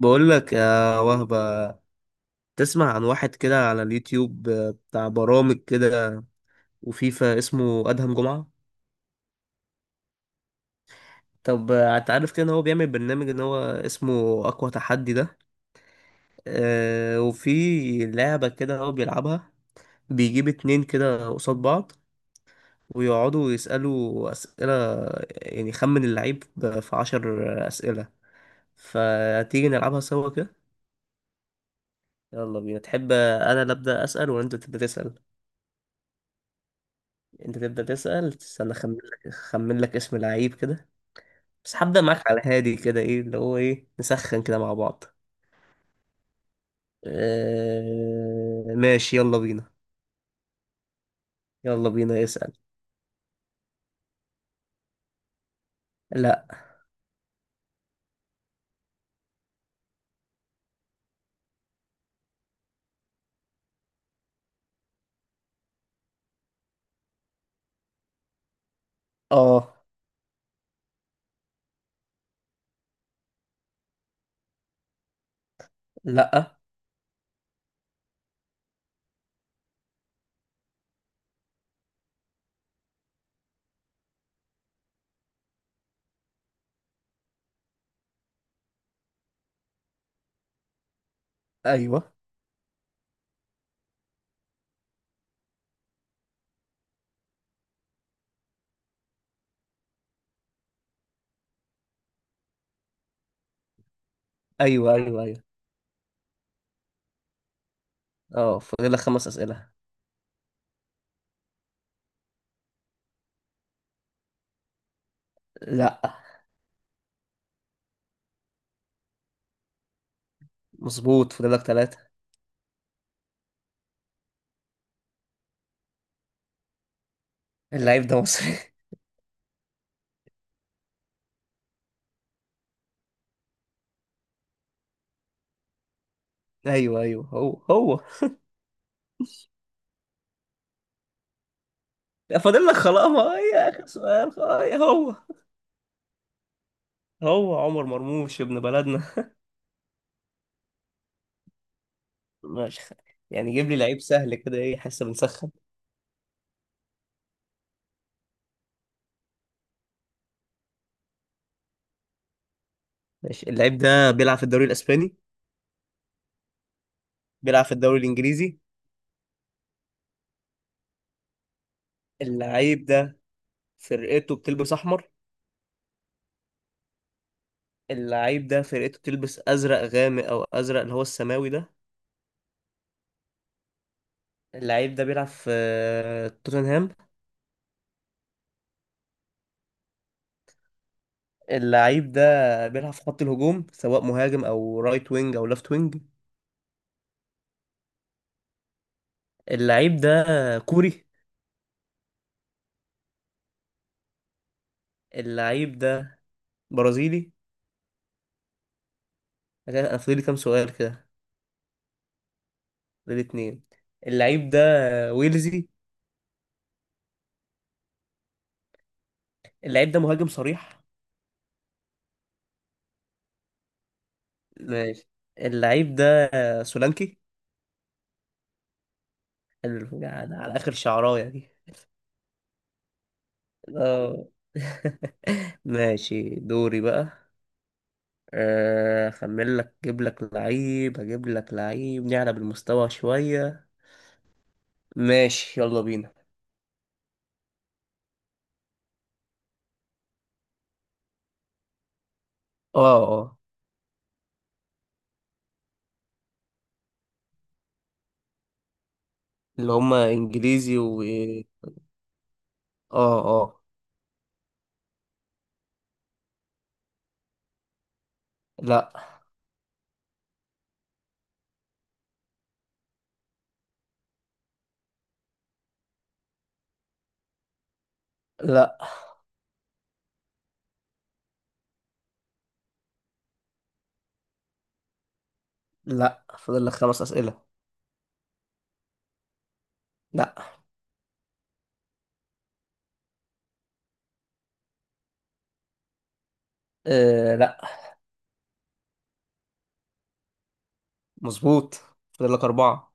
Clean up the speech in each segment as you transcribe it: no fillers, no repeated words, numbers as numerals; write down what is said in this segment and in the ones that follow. بقول لك يا وهبة، تسمع عن واحد كده على اليوتيوب بتاع برامج كده وفيفا، اسمه أدهم جمعة. طب انت عارف كده ان هو بيعمل برنامج ان هو اسمه اقوى تحدي ده. آه، وفي لعبة كده هو بيلعبها، بيجيب اتنين كده قصاد بعض ويقعدوا يسألوا أسئلة، يعني خمن اللعيب في عشر أسئلة. فتيجي نلعبها سوا كده. يلا بينا، تحب انا اللي ابدا اسال ولا انت تبدا تسال؟ انت تبدأ تسأل. استنى اخمن لك، اخمن لك اسم لعيب كده، بس هبدأ معاك على هادي كده. ايه اللي هو ايه، نسخن كده مع بعض. اه... ماشي يلا بينا. يلا بينا اسأل. لا. اه. لا. ايوه ايوه ايوه. ايوه. اه، فاضلك خمس أسئلة. لا. مظبوط، فاضلك ثلاثة. اللعيب ده مصري ايوه ايوه، هو هو. فاضل لك خلاص، ما هي اخر سؤال، خلاص هي هو. هو عمر مرموش، ابن بلدنا. مش خ... يعني جيب لي لعيب سهل كده، ايه حاسه بنسخن. ماشي. اللعيب ده بيلعب في الدوري الاسباني؟ بيلعب في الدوري الانجليزي. اللعيب ده فرقته بتلبس احمر؟ اللعيب ده فرقته بتلبس ازرق غامق او ازرق اللي هو السماوي ده؟ اللعيب ده بيلعب في توتنهام؟ اللعيب ده بيلعب في خط الهجوم، سواء مهاجم او رايت وينج او ليفت وينج؟ اللعيب ده كوري؟ اللعيب ده برازيلي؟ انا فاضل لي كام سؤال كده؟ فاضل لي اتنين. اللعيب ده ويلزي؟ اللعيب ده مهاجم صريح؟ ماشي، اللعيب ده سولانكي. يعني على اخر شعرايه دي. اه. ماشي دوري بقى. آه، اخمن لك، اجيب لك لعيب، اجيب لك لعيب نعلى بالمستوى شويه. ماشي يلا بينا. اه اه. اللي هما انجليزي و. اه اه. لا لا لا، فاضل لك خمس اسئله. لا. آه لا. مظبوط، فاضل لك اربعه.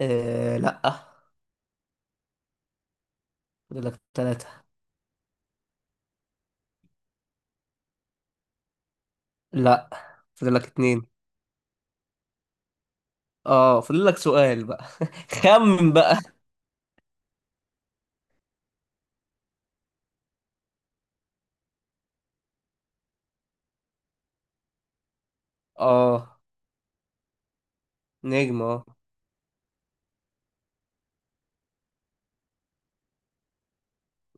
آه لا. فاضل لك ثلاثة. لا، فاضل لك اتنين. اه، فاضل لك سؤال بقى. خمن بقى. اه. نجم، اه.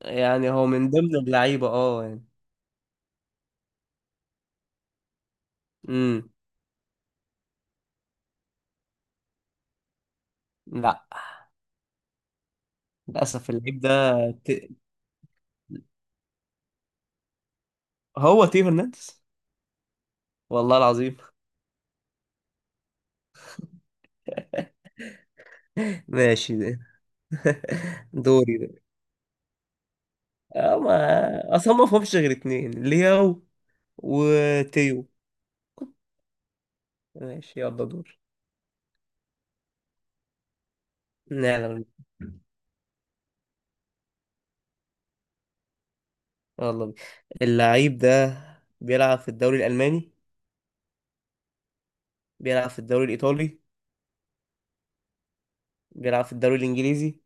يعني هو من ضمن اللعيبة، اه يعني. امم. لا. للأسف اللعيب ده ت... هو تيو هرنانديز. والله العظيم. ماشي ده. دوري ده. اه، ما اصلا ما فهمش غير اتنين، لياو وتيو. ماشي يلا دور. نعلم بيه. يلا بيه. اللعيب ده بيلعب في الدوري الألماني؟ بيلعب في الدوري الإيطالي؟ بيلعب في الدوري الانجليزي.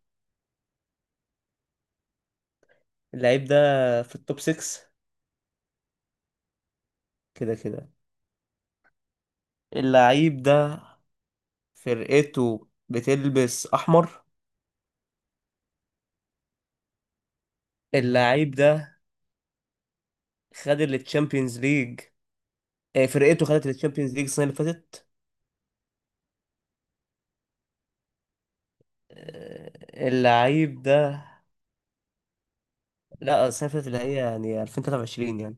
اللعيب ده في التوب 6. كده كده. اللعيب ده فرقته بتلبس احمر؟ اللعيب ده خد التشامبيونز ليج، آه، فرقته خدت التشامبيونز ليج السنه اللي فاتت. آه، اللعيب ده. لا، السنه اللي فاتت اللي هي يعني 2023 يعني.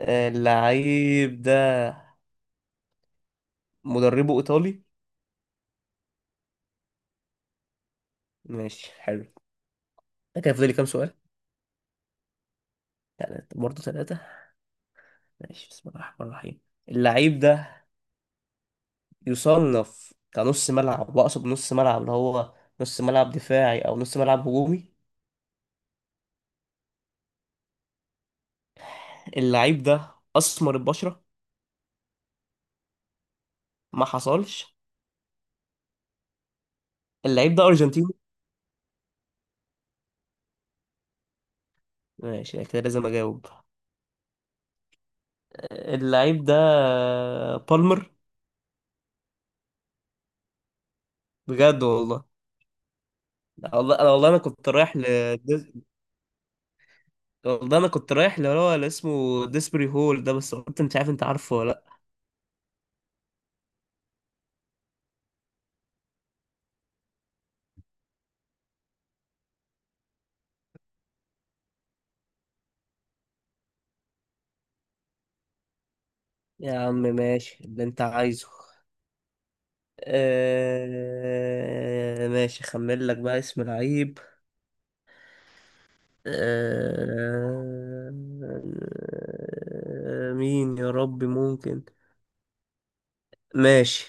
آه، اللعيب ده مدربه ايطالي؟ ماشي حلو. ده كان فاضل لي كام سؤال؟ يعني برضه ثلاثه. ماشي، بسم الله الرحمن الرحيم. اللعيب ده يصنف كنص ملعب، واقصد نص ملعب اللي هو نص ملعب دفاعي او نص ملعب هجومي؟ اللعيب ده اسمر البشره؟ ما حصلش. اللعيب ده ارجنتيني؟ ماشي، أنا كده لازم اجاوب. اللعيب ده بالمر. بجد والله. لا والله، انا والله انا كنت رايح ل ديز- والله انا كنت رايح اللي هو اللي اسمه ديسبري هول ده، بس قلت مش عارف انت عارفه ولا. لا يا عم، ماشي اللي انت عايزه. آه، ماشي، خمل لك بقى اسم لعيب. آه، مين يا ربي ممكن؟ ماشي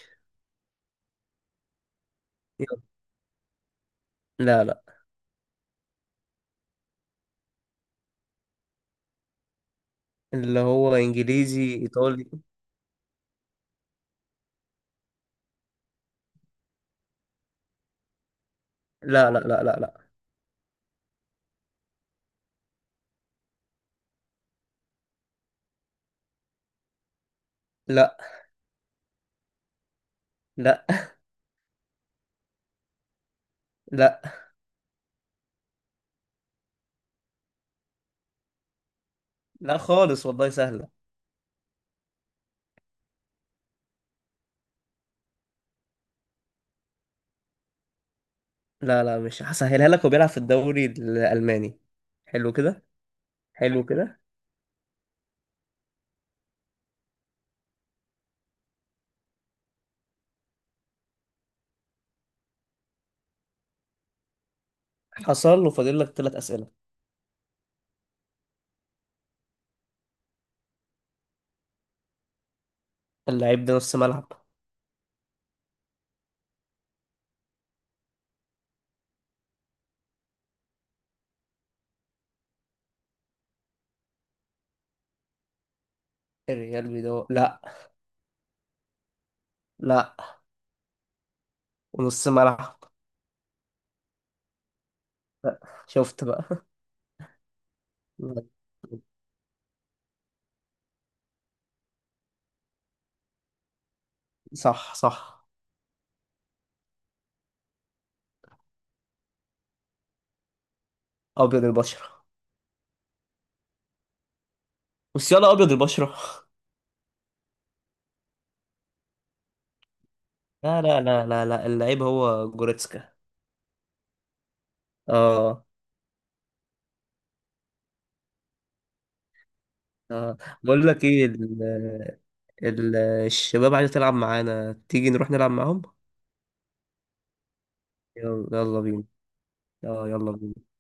يلا. لا لا. اللي هو انجليزي ايطالي. لا. لا لا. لا لا خالص والله سهلة. لا لا، مش هسهلها لك. وبيلعب في الدوري الالماني؟ حلو كده. حلو كده. حصل له، فاضل لك ثلاث اسئلة. اللعيب ده نص ملعب؟ الريال بيدور، لا. لا. ونص ملعب. شفت بقى. صح صح. ابيض البشر؟ بس يلا، ابيض البشره. لا، اللعيب هو جوريتسكا. اه. اه، بقول لك ايه ال الشباب عايزه تلعب معانا، تيجي نروح نلعب معاهم. يلا، يلا بينا. اه يلا بينا.